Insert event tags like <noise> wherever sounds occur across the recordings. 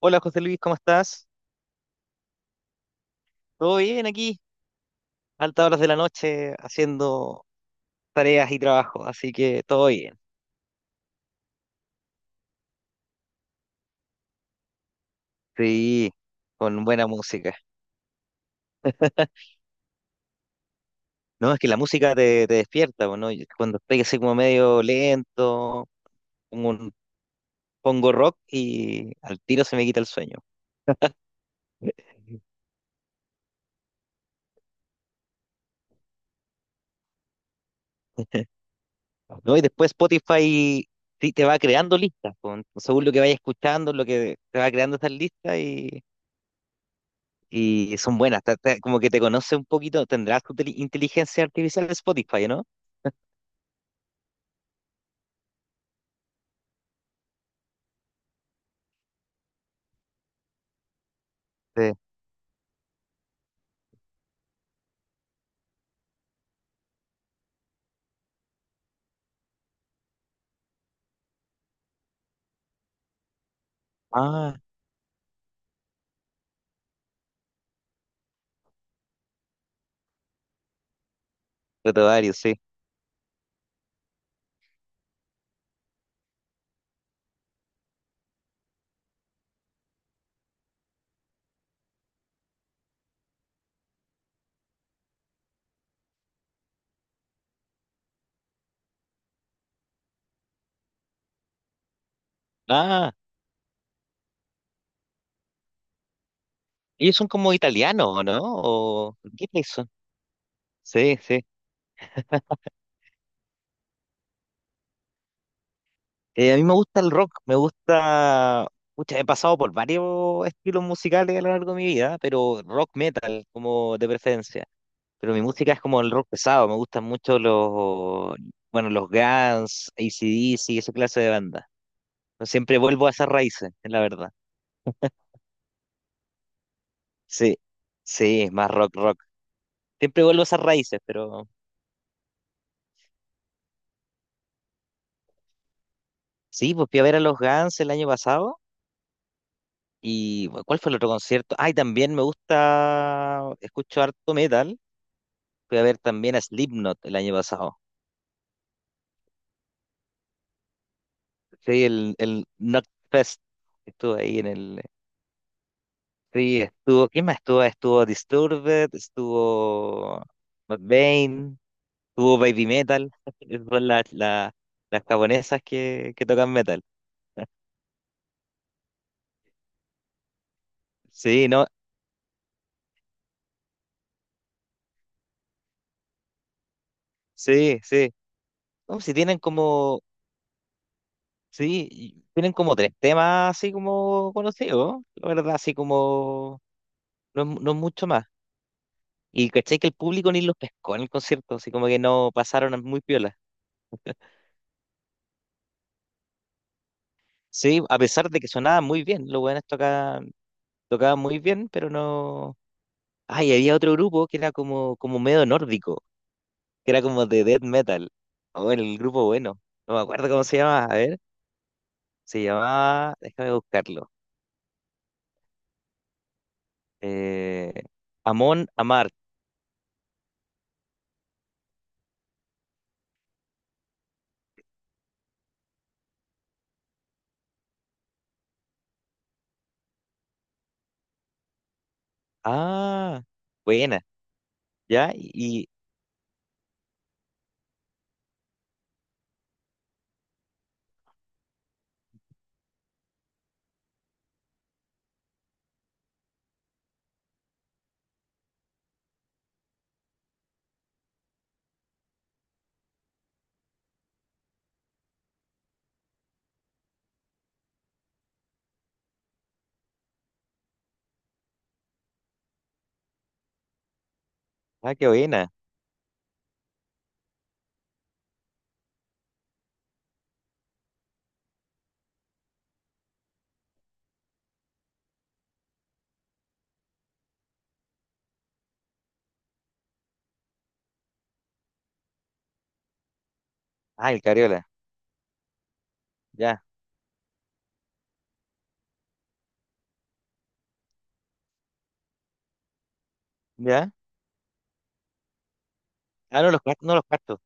Hola José Luis, ¿cómo estás? ¿Todo bien aquí? Altas horas de la noche haciendo tareas y trabajo, así que todo bien. Sí, con buena música. No, es que la música te despierta, po, ¿no? Yo, cuando estoy así como medio lento, pongo, un- pongo rock y al tiro se me quita el sueño. <laughs> ¿No? Y después Spotify sí te va creando listas, po, ¿no? Según lo que vayas escuchando, lo que te va creando esas listas. Y son buenas, como que te conoce un poquito, tendrás tu inteligencia artificial de Spotify, ¿no? Sí. Ah, varios, sí. Ah, ellos son como italianos, ¿o no? ¿O qué país son? Sí, sí. A mí me gusta el rock, me gusta... Pucha, he pasado por varios estilos musicales a lo largo de mi vida, pero rock metal como de preferencia. Pero mi música es como el rock pesado, me gustan mucho los, bueno, los Guns, AC/DC, esa clase de banda. Siempre vuelvo a esas raíces, es la verdad. Sí, sí, es más rock, rock. Siempre vuelvo a esas raíces, pero sí, pues fui a ver a los Guns el año pasado. ¿Y bueno, cuál fue el otro concierto? Ay, también me gusta, escucho harto metal. Fui a ver también a Slipknot el año pasado. Sí, el Knockfest. Estuvo ahí en el. Sí, estuvo. ¿Quién más estuvo? Estuvo Disturbed, estuvo Mudvayne, estuvo Baby Metal. <laughs> Esas son las japonesas que tocan metal. Sí, no, sí, sí. No, si tienen como, sí, y tienen como tres temas así como conocidos, la verdad, así como, no, no es mucho más. Y caché que el público ni los pescó en el concierto, así como que no pasaron muy piola. Sí, a pesar de que sonaba muy bien, los buenos tocaban muy bien, pero no. Ay, había otro grupo que era como medio nórdico, que era como de death metal. O el grupo bueno, no me acuerdo cómo se llamaba, a ver, se llamaba, déjame buscarlo. Eh, Amon Amarth. Ah, buena, ya, y, ah, qué buena. Ah, el Cariola, ya, ya. Ah, no los cuartos.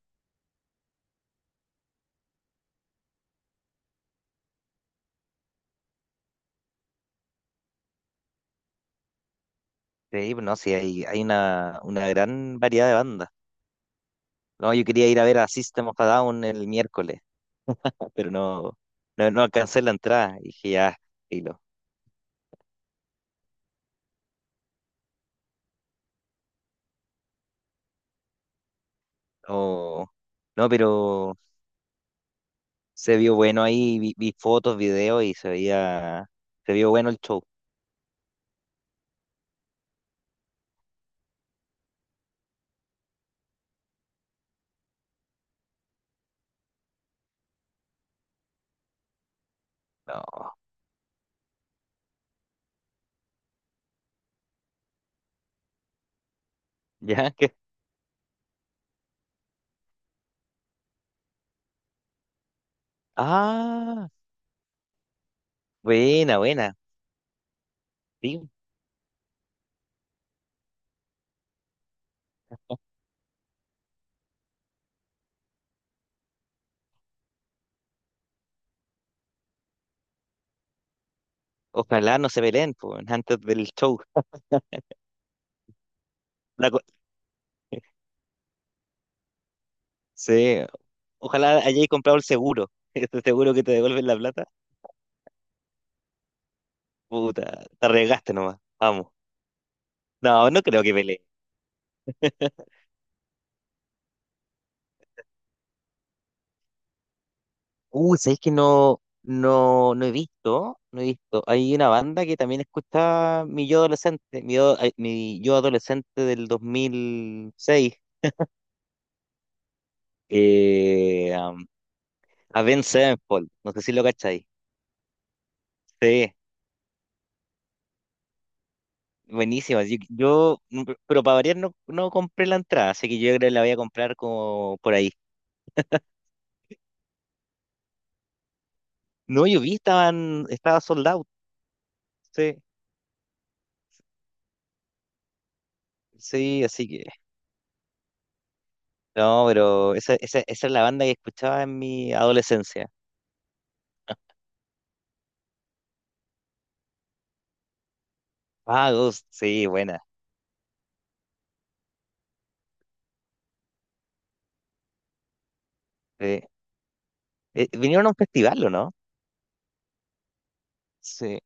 Sí, no, sí, hay una gran variedad de bandas. No, yo quería ir a ver a System of a Down el miércoles, <laughs> pero no alcancé la entrada. Y dije, ya, filo. No, no, pero se vio bueno ahí, vi fotos, videos y se veía, se vio bueno el show. No, <laughs> ya, que, ah, buena, buena. Sí. Ojalá no se peleen, po, <laughs> weón, antes del show. La co- sí, ojalá hayáis comprado el seguro. <laughs> Este seguro que te devuelven la plata. Puta, te arriesgaste nomás. Vamos. No, no creo que peleen. <laughs> ¿Sabéis que no he visto? No he visto. Hay una banda que también escuchaba mi yo adolescente, mi yo, ay, mi yo adolescente del 2006, eh, um, Avenged Sevenfold. No sé si lo cacháis. Sí, buenísimas. Pero para variar no compré la entrada, así que yo creo que la voy a comprar como por ahí. No, yo vi, estaba sold out. Sí, sí, así que. No, pero esa es la banda que escuchaba en mi adolescencia. Vagos, sí, buena. Sí. Vinieron a un festival, ¿o no? Sí,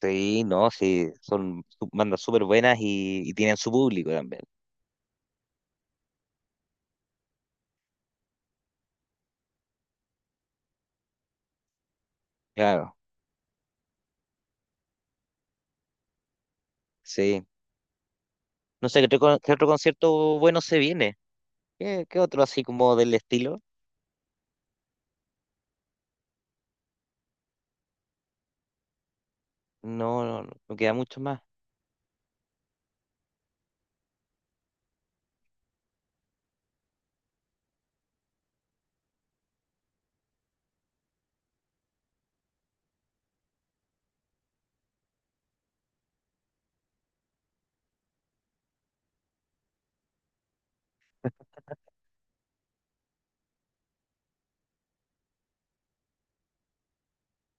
sí, no, sí, son bandas súper buenas y tienen su público también. Claro, sí. No sé, qué otro concierto bueno se viene? ¿Qué otro así como del estilo? No, no, no. No queda mucho más.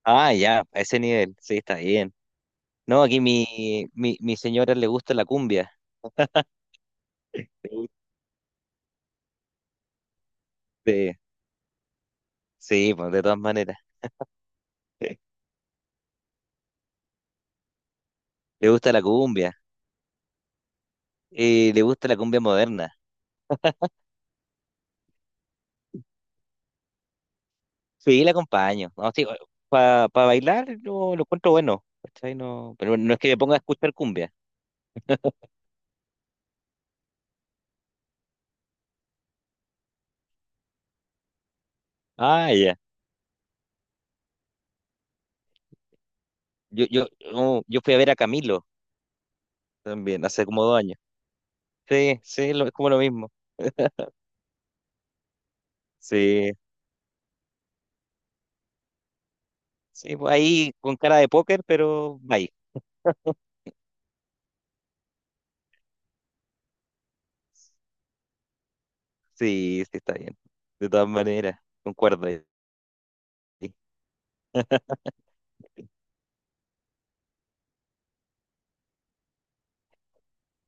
Ah, ya, a ese nivel, sí, está bien. No, aquí mi señora le gusta la cumbia. Le gu- de- sí, pues de todas maneras. <laughs> Le gusta la cumbia. Y le gusta la cumbia moderna. Sí, la acompaño. No, sí, para bailar yo lo encuentro bueno. ¿Cachai? No, pero no es que me ponga a escuchar cumbia. Ah, ya. Yo fui a ver a Camilo también, hace como 2 años. Sí, sí, es como lo mismo. Sí, sí, pues ahí con cara de póker, pero bye. Sí, sí, está bien. De todas maneras, concuerdo ahí. <laughs>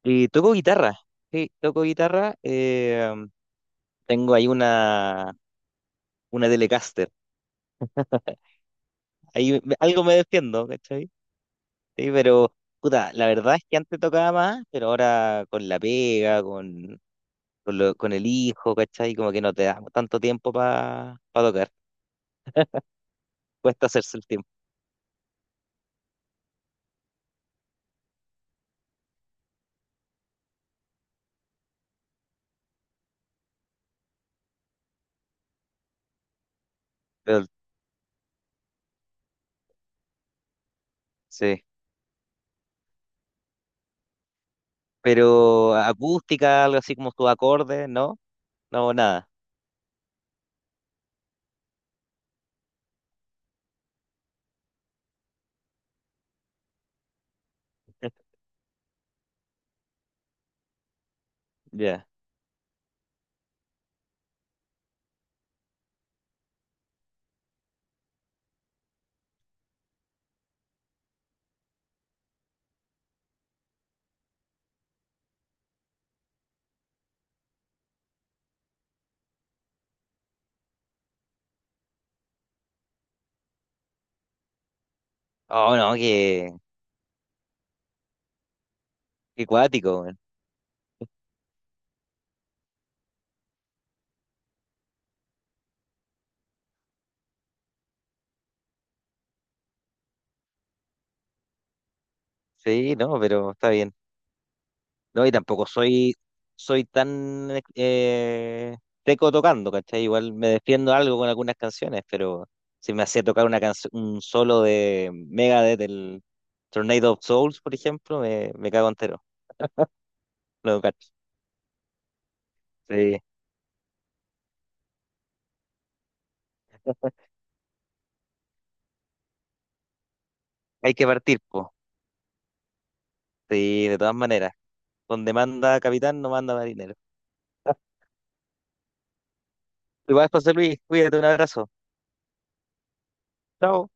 Y toco guitarra. Sí, toco guitarra. Tengo ahí una Telecaster. Ahí algo me defiendo, ¿cachai? Sí, pero, puta, la verdad es que antes tocaba más, pero ahora con la pega, con el hijo, ¿cachai? Como que no te da tanto tiempo para tocar. Cuesta hacerse el tiempo. Pero, sí. Pero acústica, algo así como sus acordes, ¿no? No, nada. Ya. Oh, no, que. Qué cuático, weón. Sí, no, pero está bien. No, y tampoco soy tan eh, teco tocando, ¿cachai? Igual me defiendo algo con algunas canciones, pero si me hacía tocar una canción, un solo de Megadeth, del Tornado of Souls, por ejemplo, me cago entero. No, cacho. Sí, hay que partir, po. Sí, de todas maneras. Donde manda capitán, no manda marinero. <laughs> Igual, José Luis, cuídate, un abrazo. Chao.